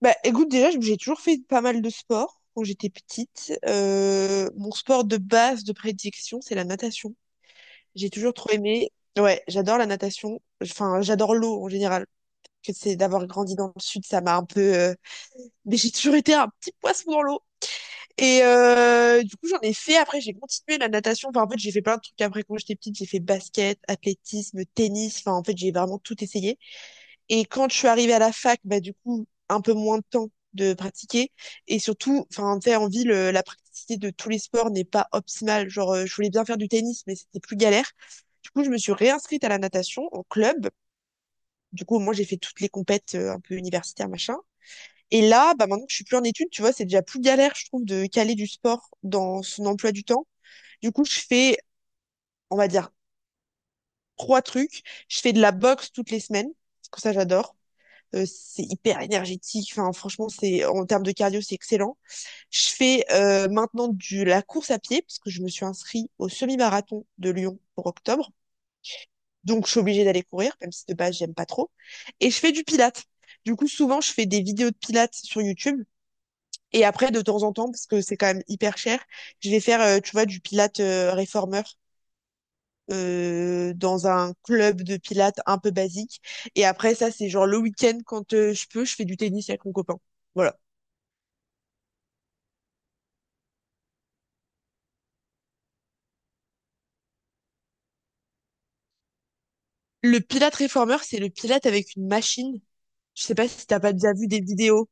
Bah, écoute, déjà, j'ai toujours fait pas mal de sport quand j'étais petite. Mon sport de base de prédilection, c'est la natation. J'ai toujours trop aimé. Ouais, j'adore la natation. Enfin, j'adore l'eau en général. Que c'est d'avoir grandi dans le sud, ça m'a un peu. Mais j'ai toujours été un petit poisson dans l'eau. Et du coup, j'en ai fait. Après, j'ai continué la natation. Enfin, en fait, j'ai fait plein de trucs après quand j'étais petite. J'ai fait basket, athlétisme, tennis. Enfin, en fait, j'ai vraiment tout essayé. Et quand je suis arrivée à la fac, bah, du coup, un peu moins de temps de pratiquer. Et surtout, enfin, tu sais, en ville, la praticité de tous les sports n'est pas optimale. Genre, je voulais bien faire du tennis, mais c'était plus galère. Du coup, je me suis réinscrite à la natation, en club. Du coup, moi, j'ai fait toutes les compètes un peu universitaires, machin. Et là, bah, maintenant que je suis plus en études, tu vois, c'est déjà plus galère, je trouve, de caler du sport dans son emploi du temps. Du coup, je fais, on va dire, trois trucs. Je fais de la boxe toutes les semaines, parce que ça, j'adore. C'est hyper énergétique. Enfin, franchement, c'est en termes de cardio, c'est excellent. Je fais maintenant du la course à pied parce que je me suis inscrite au semi-marathon de Lyon pour octobre. Donc, je suis obligée d'aller courir, même si de base, j'aime pas trop. Et je fais du pilates. Du coup, souvent, je fais des vidéos de pilates sur YouTube. Et après, de temps en temps, parce que c'est quand même hyper cher, je vais faire, tu vois, du pilates réformeur dans un club de pilates un peu basique. Et après, ça, c'est genre le week-end, quand je peux, je fais du tennis avec mon copain. Voilà. Le Pilate réformeur, c'est le Pilate avec une machine. Je sais pas si t'as pas déjà vu des vidéos.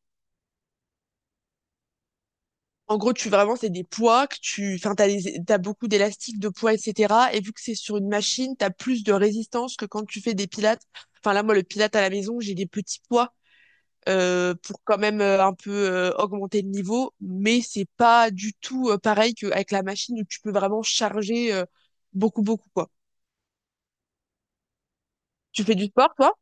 En gros, tu vraiment, c'est des poids que tu, enfin, t'as beaucoup d'élastiques, de poids, etc. Et vu que c'est sur une machine, t'as plus de résistance que quand tu fais des pilates. Enfin, là, moi, le pilate à la maison, j'ai des petits poids, pour quand même un peu augmenter le niveau. Mais c'est pas du tout pareil qu'avec la machine où tu peux vraiment charger beaucoup, beaucoup, quoi. Tu fais du sport, toi?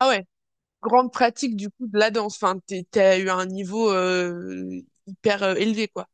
Ah ouais. Grande pratique du coup de la danse. Enfin, t'as eu un niveau hyper élevé, quoi.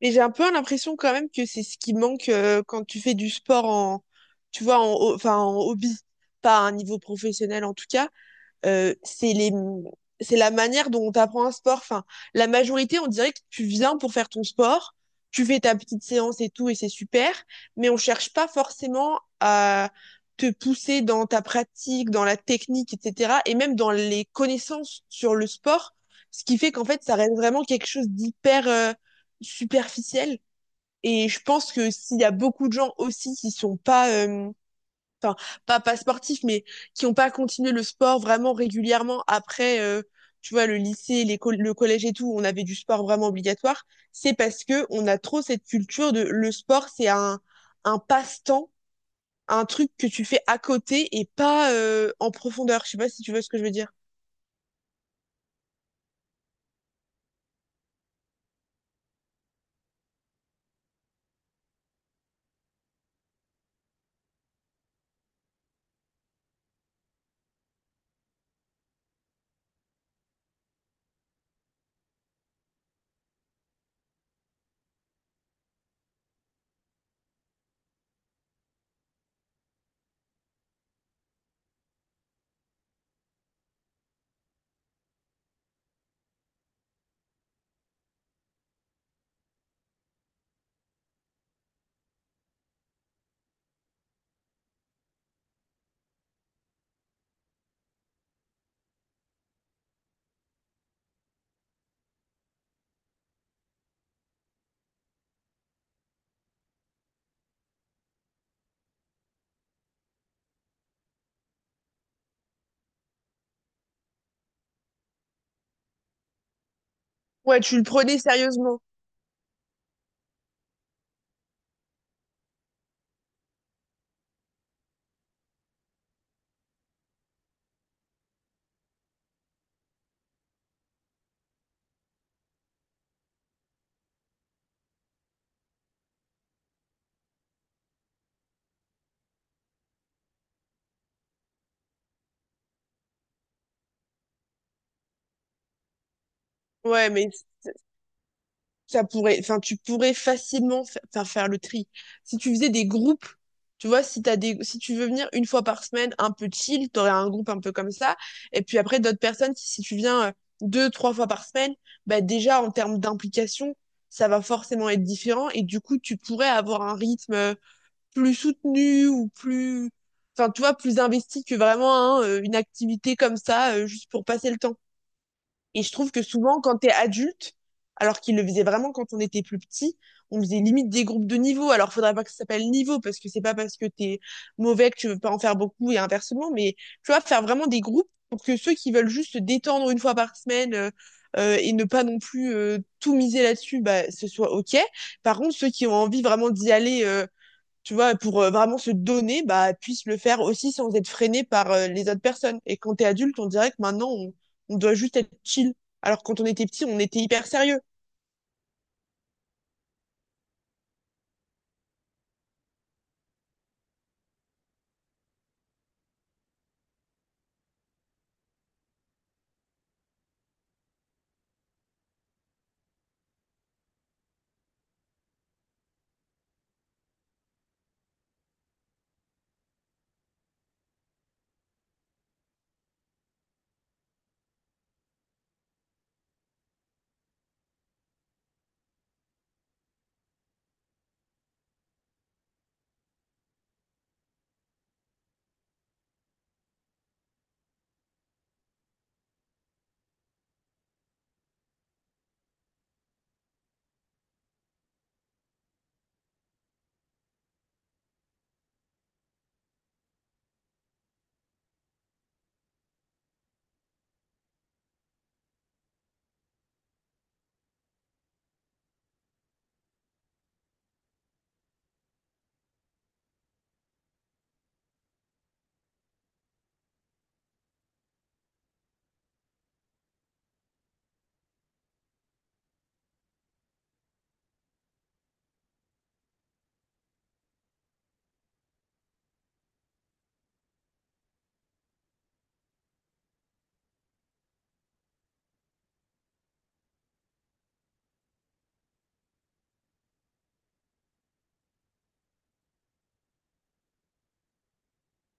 Mais j'ai un peu l'impression quand même que c'est ce qui manque quand tu fais du sport en, tu vois, en, enfin, en hobby, pas à un niveau professionnel en tout cas. euh, c'est les c'est la manière dont on t'apprend un sport. Enfin, la majorité, on dirait que tu viens pour faire ton sport, tu fais ta petite séance et tout, et c'est super, mais on cherche pas forcément à te pousser dans ta pratique, dans la technique, etc., et même dans les connaissances sur le sport, ce qui fait qu'en fait, ça reste vraiment quelque chose d'hyper superficiel. Et je pense que s'il y a beaucoup de gens aussi qui sont pas enfin pas sportifs, mais qui n'ont pas continué le sport vraiment régulièrement après, tu vois, le lycée, l'école, le collège et tout, où on avait du sport vraiment obligatoire, c'est parce que on a trop cette culture de le sport, c'est un passe-temps, un truc que tu fais à côté et pas en profondeur. Je sais pas si tu vois ce que je veux dire. Ouais, tu le prenais sérieusement. Ouais, mais ça pourrait, enfin, tu pourrais facilement faire le tri. Si tu faisais des groupes, tu vois, si t'as des, si tu veux venir une fois par semaine, un peu chill, t'aurais un groupe un peu comme ça. Et puis après, d'autres personnes, qui, si tu viens deux, trois fois par semaine, bah, déjà, en termes d'implication, ça va forcément être différent. Et du coup, tu pourrais avoir un rythme plus soutenu ou plus, enfin, tu vois, plus investi que vraiment hein, une activité comme ça, juste pour passer le temps. Et je trouve que souvent, quand t'es adulte, alors qu'ils le faisaient vraiment quand on était plus petit, on faisait limite des groupes de niveau. Alors, faudrait pas que ça s'appelle niveau, parce que c'est pas parce que t'es mauvais que tu veux pas en faire beaucoup et inversement. Mais tu vois, faire vraiment des groupes pour que ceux qui veulent juste se détendre une fois par semaine et ne pas non plus tout miser là-dessus, bah, ce soit OK. Par contre, ceux qui ont envie vraiment d'y aller tu vois, pour vraiment se donner, bah, puisse le faire aussi sans être freiné par les autres personnes. Et quand t'es adulte, on dirait que maintenant, on doit juste être chill. Alors que quand on était petit, on était hyper sérieux.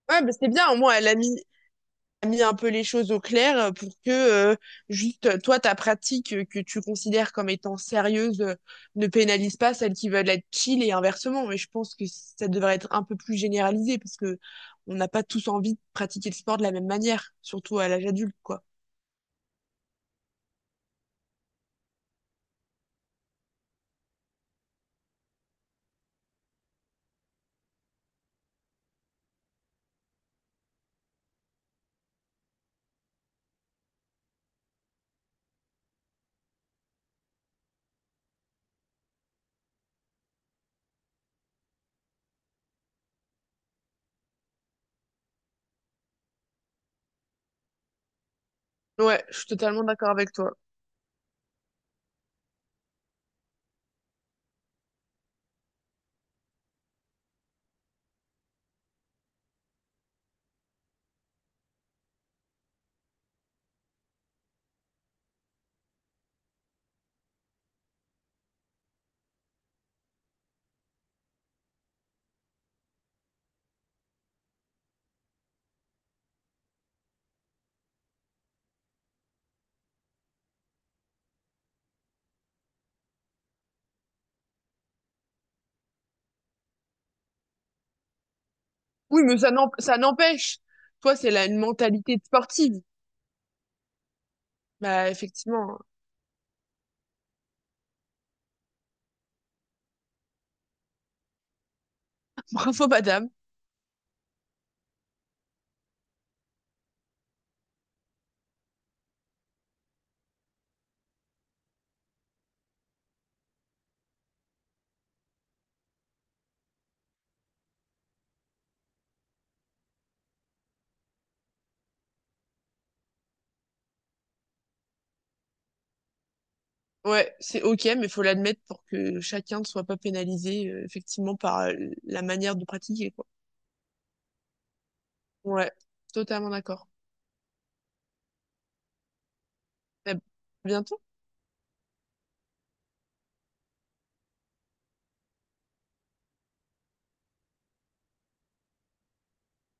Ouais, bah, c'était bien, au moins, elle a mis un peu les choses au clair pour que juste toi, ta pratique que tu considères comme étant sérieuse ne pénalise pas celles qui veulent être chill et inversement. Mais je pense que ça devrait être un peu plus généralisé parce que on n'a pas tous envie de pratiquer le sport de la même manière, surtout à l'âge adulte, quoi. Ouais, je suis totalement d'accord avec toi. Oui, mais ça n'empêche. Toi, c'est la une mentalité de sportive. Bah, effectivement. Bravo, madame. Ouais, c'est ok, mais faut l'admettre pour que chacun ne soit pas pénalisé, effectivement, par la manière de pratiquer, quoi. Ouais, totalement d'accord. À bientôt.